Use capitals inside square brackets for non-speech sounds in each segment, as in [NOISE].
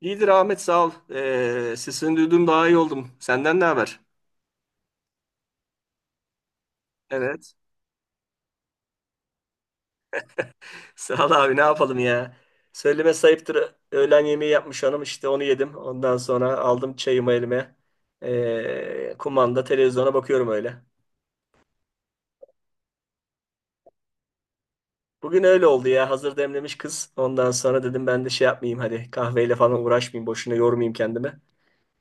İyidir Ahmet sağ ol. Sesini duydum daha iyi oldum. Senden ne haber? Evet. Sağ ol abi ne yapalım ya. Söyleme sayıptır. Öğlen yemeği yapmış hanım işte onu yedim. Ondan sonra aldım çayımı elime. Kumanda televizyona bakıyorum öyle. Bugün öyle oldu ya. Hazır demlemiş kız. Ondan sonra dedim ben de şey yapmayayım hadi. Kahveyle falan uğraşmayayım. Boşuna yormayayım kendimi.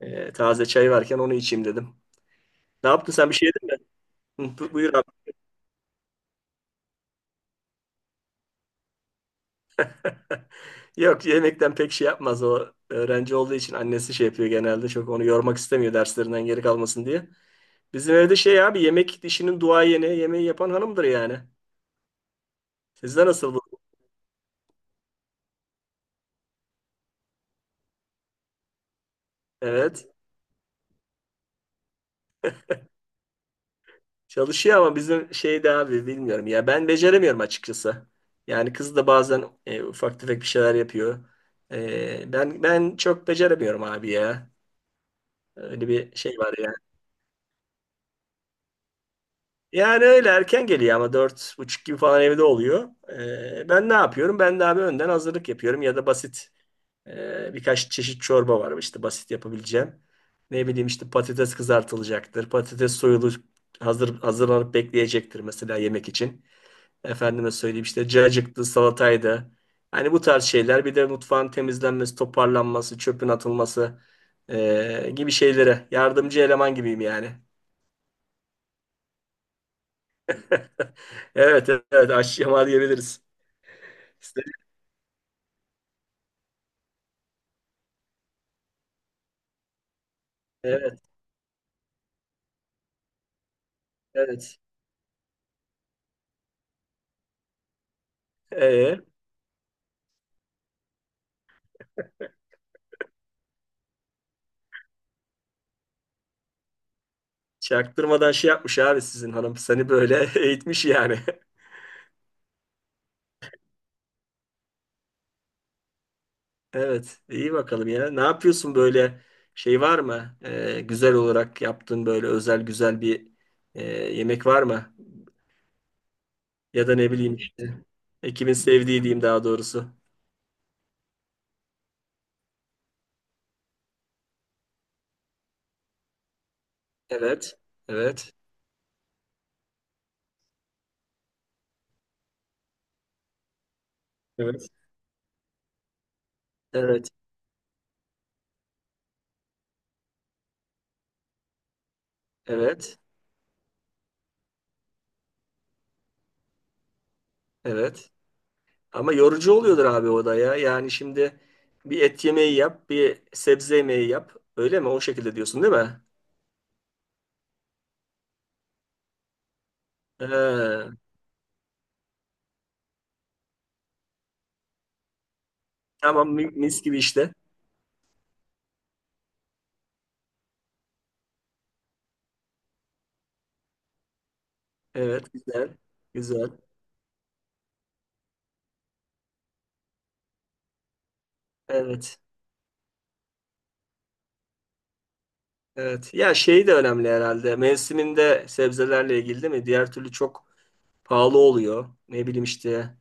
Taze çay varken onu içeyim dedim. Ne yaptın sen bir şey yedin mi? Hı, buyur. [LAUGHS] Yok yemekten pek şey yapmaz o. Öğrenci olduğu için annesi şey yapıyor genelde. Çok onu yormak istemiyor derslerinden geri kalmasın diye. Bizim evde şey abi yemek dişinin duayeni yemeği yapan hanımdır yani. Sizde nasıl bu? Evet. Çalışıyor ama bizim şeyde abi bilmiyorum ya ben beceremiyorum açıkçası. Yani kız da bazen ufak tefek bir şeyler yapıyor. Ben çok beceremiyorum abi ya. Öyle bir şey var. Yani öyle erken geliyor ama dört buçuk gibi falan evde oluyor. Ben ne yapıyorum? Ben de abi önden hazırlık yapıyorum ya da basit birkaç çeşit çorba var işte basit yapabileceğim. Ne bileyim işte patates kızartılacaktır. Patates soyulu hazır hazırlanıp bekleyecektir mesela yemek için. Efendime söyleyeyim işte cacıktı, salataydı. Hani bu tarz şeyler bir de mutfağın temizlenmesi, toparlanması, çöpün atılması gibi şeylere yardımcı eleman gibiyim yani. [LAUGHS] Evet evet, aşyama diyebiliriz. İşte- Evet evet. Ee, Çaktırmadan şey yapmış abi sizin hanım. Seni böyle [LAUGHS] eğitmiş yani. [LAUGHS] Evet iyi bakalım ya. Ne yapıyorsun böyle şey var mı? Güzel olarak yaptığın böyle özel güzel bir yemek var mı? Ya da ne bileyim işte. Ekibin sevdiği diyeyim daha doğrusu. Evet. Evet. Evet. Evet. Evet. Evet. Ama yorucu oluyordur abi o da ya. Yani şimdi bir et yemeği yap, bir sebze yemeği yap. Öyle mi? O şekilde diyorsun değil mi? Ee, tamam, mis gibi işte. Evet güzel. Güzel. Evet. Evet. Ya şey de önemli herhalde. Mevsiminde sebzelerle ilgili değil mi? Diğer türlü çok pahalı oluyor. Ne bileyim işte.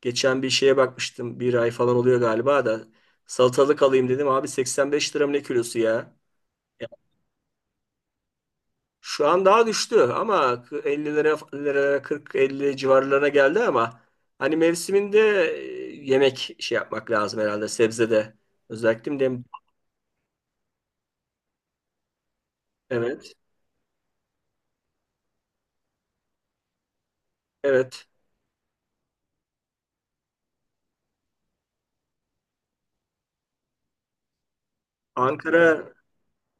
Geçen bir şeye bakmıştım. Bir ay falan oluyor galiba da. Salatalık alayım dedim. Abi 85 lira mı ne kilosu ya? Şu an daha düştü ama 50'lere kırk elli civarlarına geldi ama hani mevsiminde yemek şey yapmak lazım herhalde sebzede. Özellikle dem evet. Evet. Ankara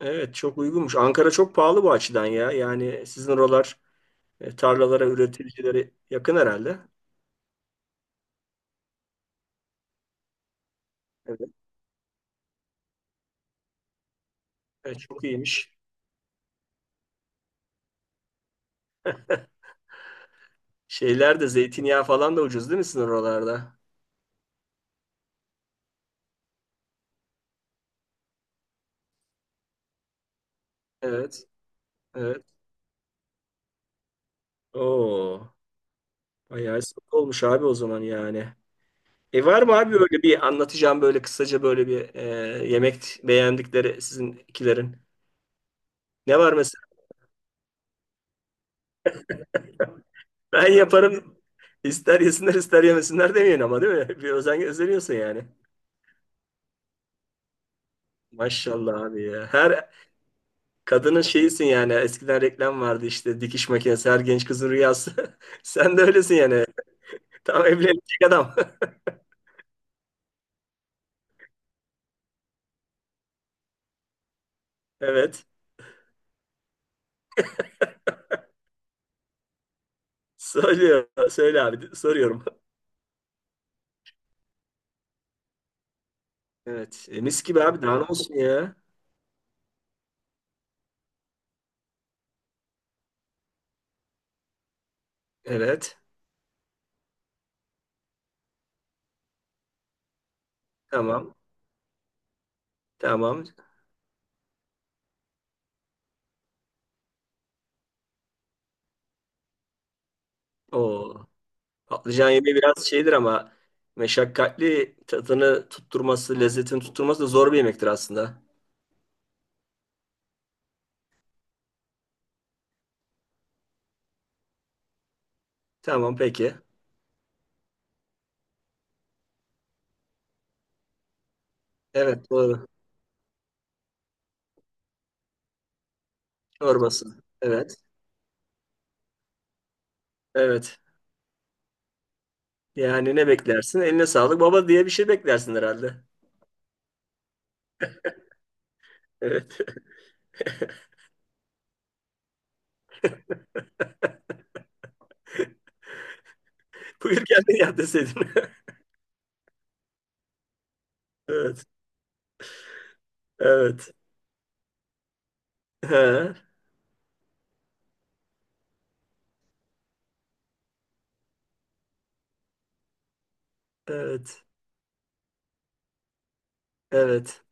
evet, çok uygunmuş. Ankara çok pahalı bu açıdan ya. Yani sizin oralar tarlalara, üreticilere yakın herhalde. Evet. Evet, çok iyiymiş. Şeyler de zeytinyağı falan da ucuz değil mi sizin oralarda? Evet. Evet. Oo. Bayağı sıkı olmuş abi o zaman yani. E var mı abi böyle bir anlatacağım böyle kısaca böyle bir yemek beğendikleri sizin ikilerin? Ne var mesela? [LAUGHS] Ben yaparım. İster yesinler ister yemesinler demeyin ama değil mi? [LAUGHS] Bir özen gösteriyorsun yani. Maşallah abi ya. Her kadının şeyisin yani. Eskiden reklam vardı işte dikiş makinesi her genç kızın rüyası. [LAUGHS] Sen de öylesin yani. Tam evlenecek adam. [LAUGHS] Evet. Söylüyor. Söyle abi. Soruyorum. Evet. E, mis gibi abi. Daha ne olsun ya. Evet. Tamam. Tamam. O. Patlıcan yemeği biraz şeydir ama meşakkatli, tadını tutturması, lezzetini tutturması da zor bir yemektir aslında. Tamam peki. Evet doğru. Çorbası. Evet. Evet. Yani ne beklersin? Eline sağlık baba diye bir şey beklersin herhalde. Evet. [LAUGHS] Buyur kendin yap deseydin. [LAUGHS] Evet. Evet. Ha, evet. Evet.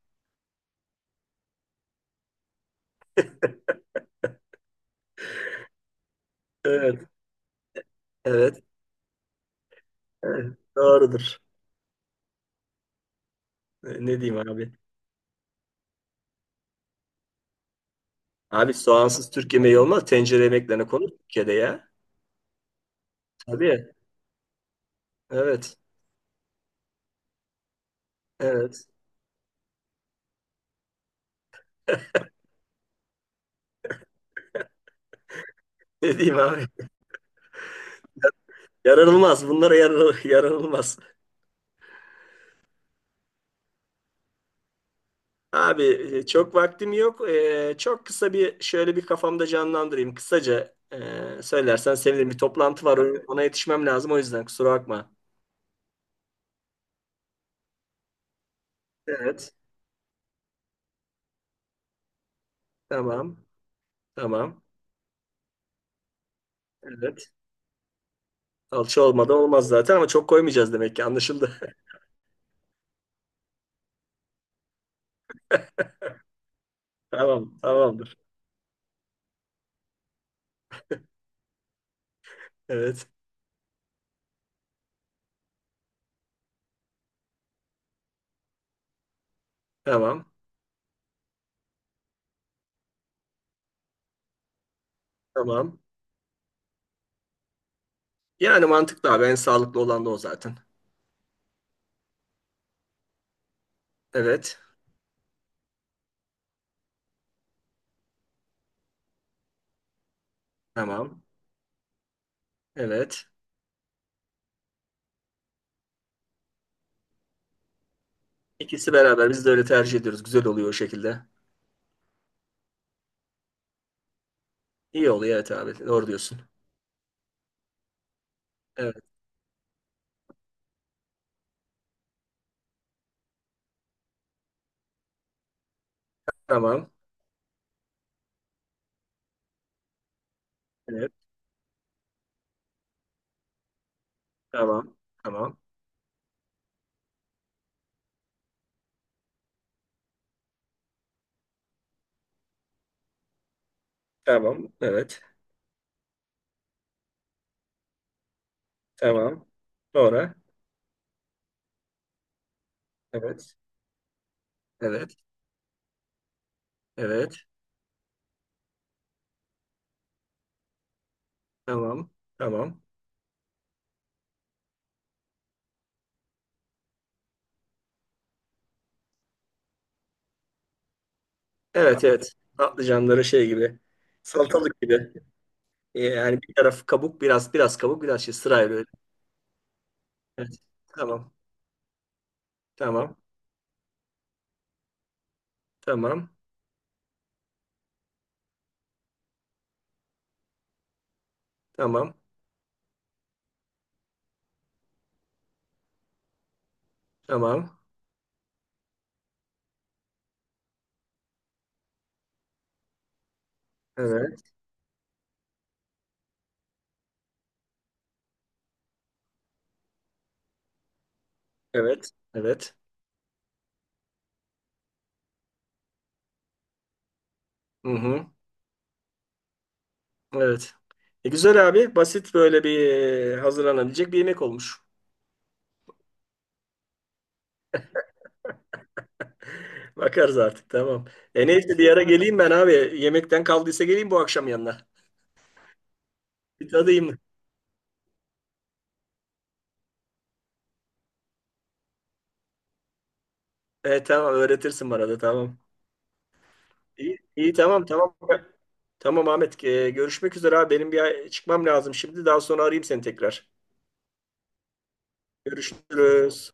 Evet. Evet. Evet. Doğrudur. E, ne diyeyim abi? Abi soğansız Türk yemeği olmaz. Tencere yemeklerine konu Türkiye'de ya. Tabii. Evet. Evet. [LAUGHS] Ne diyeyim abi? Yaranılmaz. Bunlara yarar, [LAUGHS] yaranılmaz. Abi çok vaktim yok. Çok kısa bir şöyle bir kafamda canlandırayım. Kısaca söylersen sevinirim. Bir toplantı var. Ona yetişmem lazım. O yüzden kusura bakma. Evet. Tamam. Tamam. Evet. Alçı olmadan olmaz zaten ama çok koymayacağız demek ki. Anlaşıldı. [LAUGHS] Tamam. Tamamdır. Evet. Tamam. Tamam. Yani mantıklı abi. En sağlıklı olan da o zaten. Evet. Tamam. Evet. İkisi beraber biz de öyle tercih ediyoruz. Güzel oluyor o şekilde. İyi oluyor evet abi. Doğru diyorsun. Evet. Tamam. Evet. Tamam. Tamam. Tamam. Evet. Tamam. Sonra. Evet. Evet. Evet. Tamam. Tamam. Evet evet. Patlıcanları şey gibi. Salatalık gibi. Yani bir taraf kabuk biraz kabuk biraz şey sırayla öyle. Evet. Tamam. Tamam. Tamam. Tamam. Tamam. Evet. Evet. Evet. Hı hı. Evet. E, güzel abi. Basit böyle bir hazırlanabilecek bir yemek olmuş. [LAUGHS] Bakarız artık. Tamam. E neyse bir ara geleyim ben abi. Yemekten kaldıysa geleyim bu akşam yanına. Bir tadayım. E, tamam öğretirsin bana da, tamam. İyi, iyi, tamam tamam. Tamam Ahmet. E, görüşmek üzere abi. Benim bir çıkmam lazım şimdi. Daha sonra arayayım seni tekrar. Görüşürüz.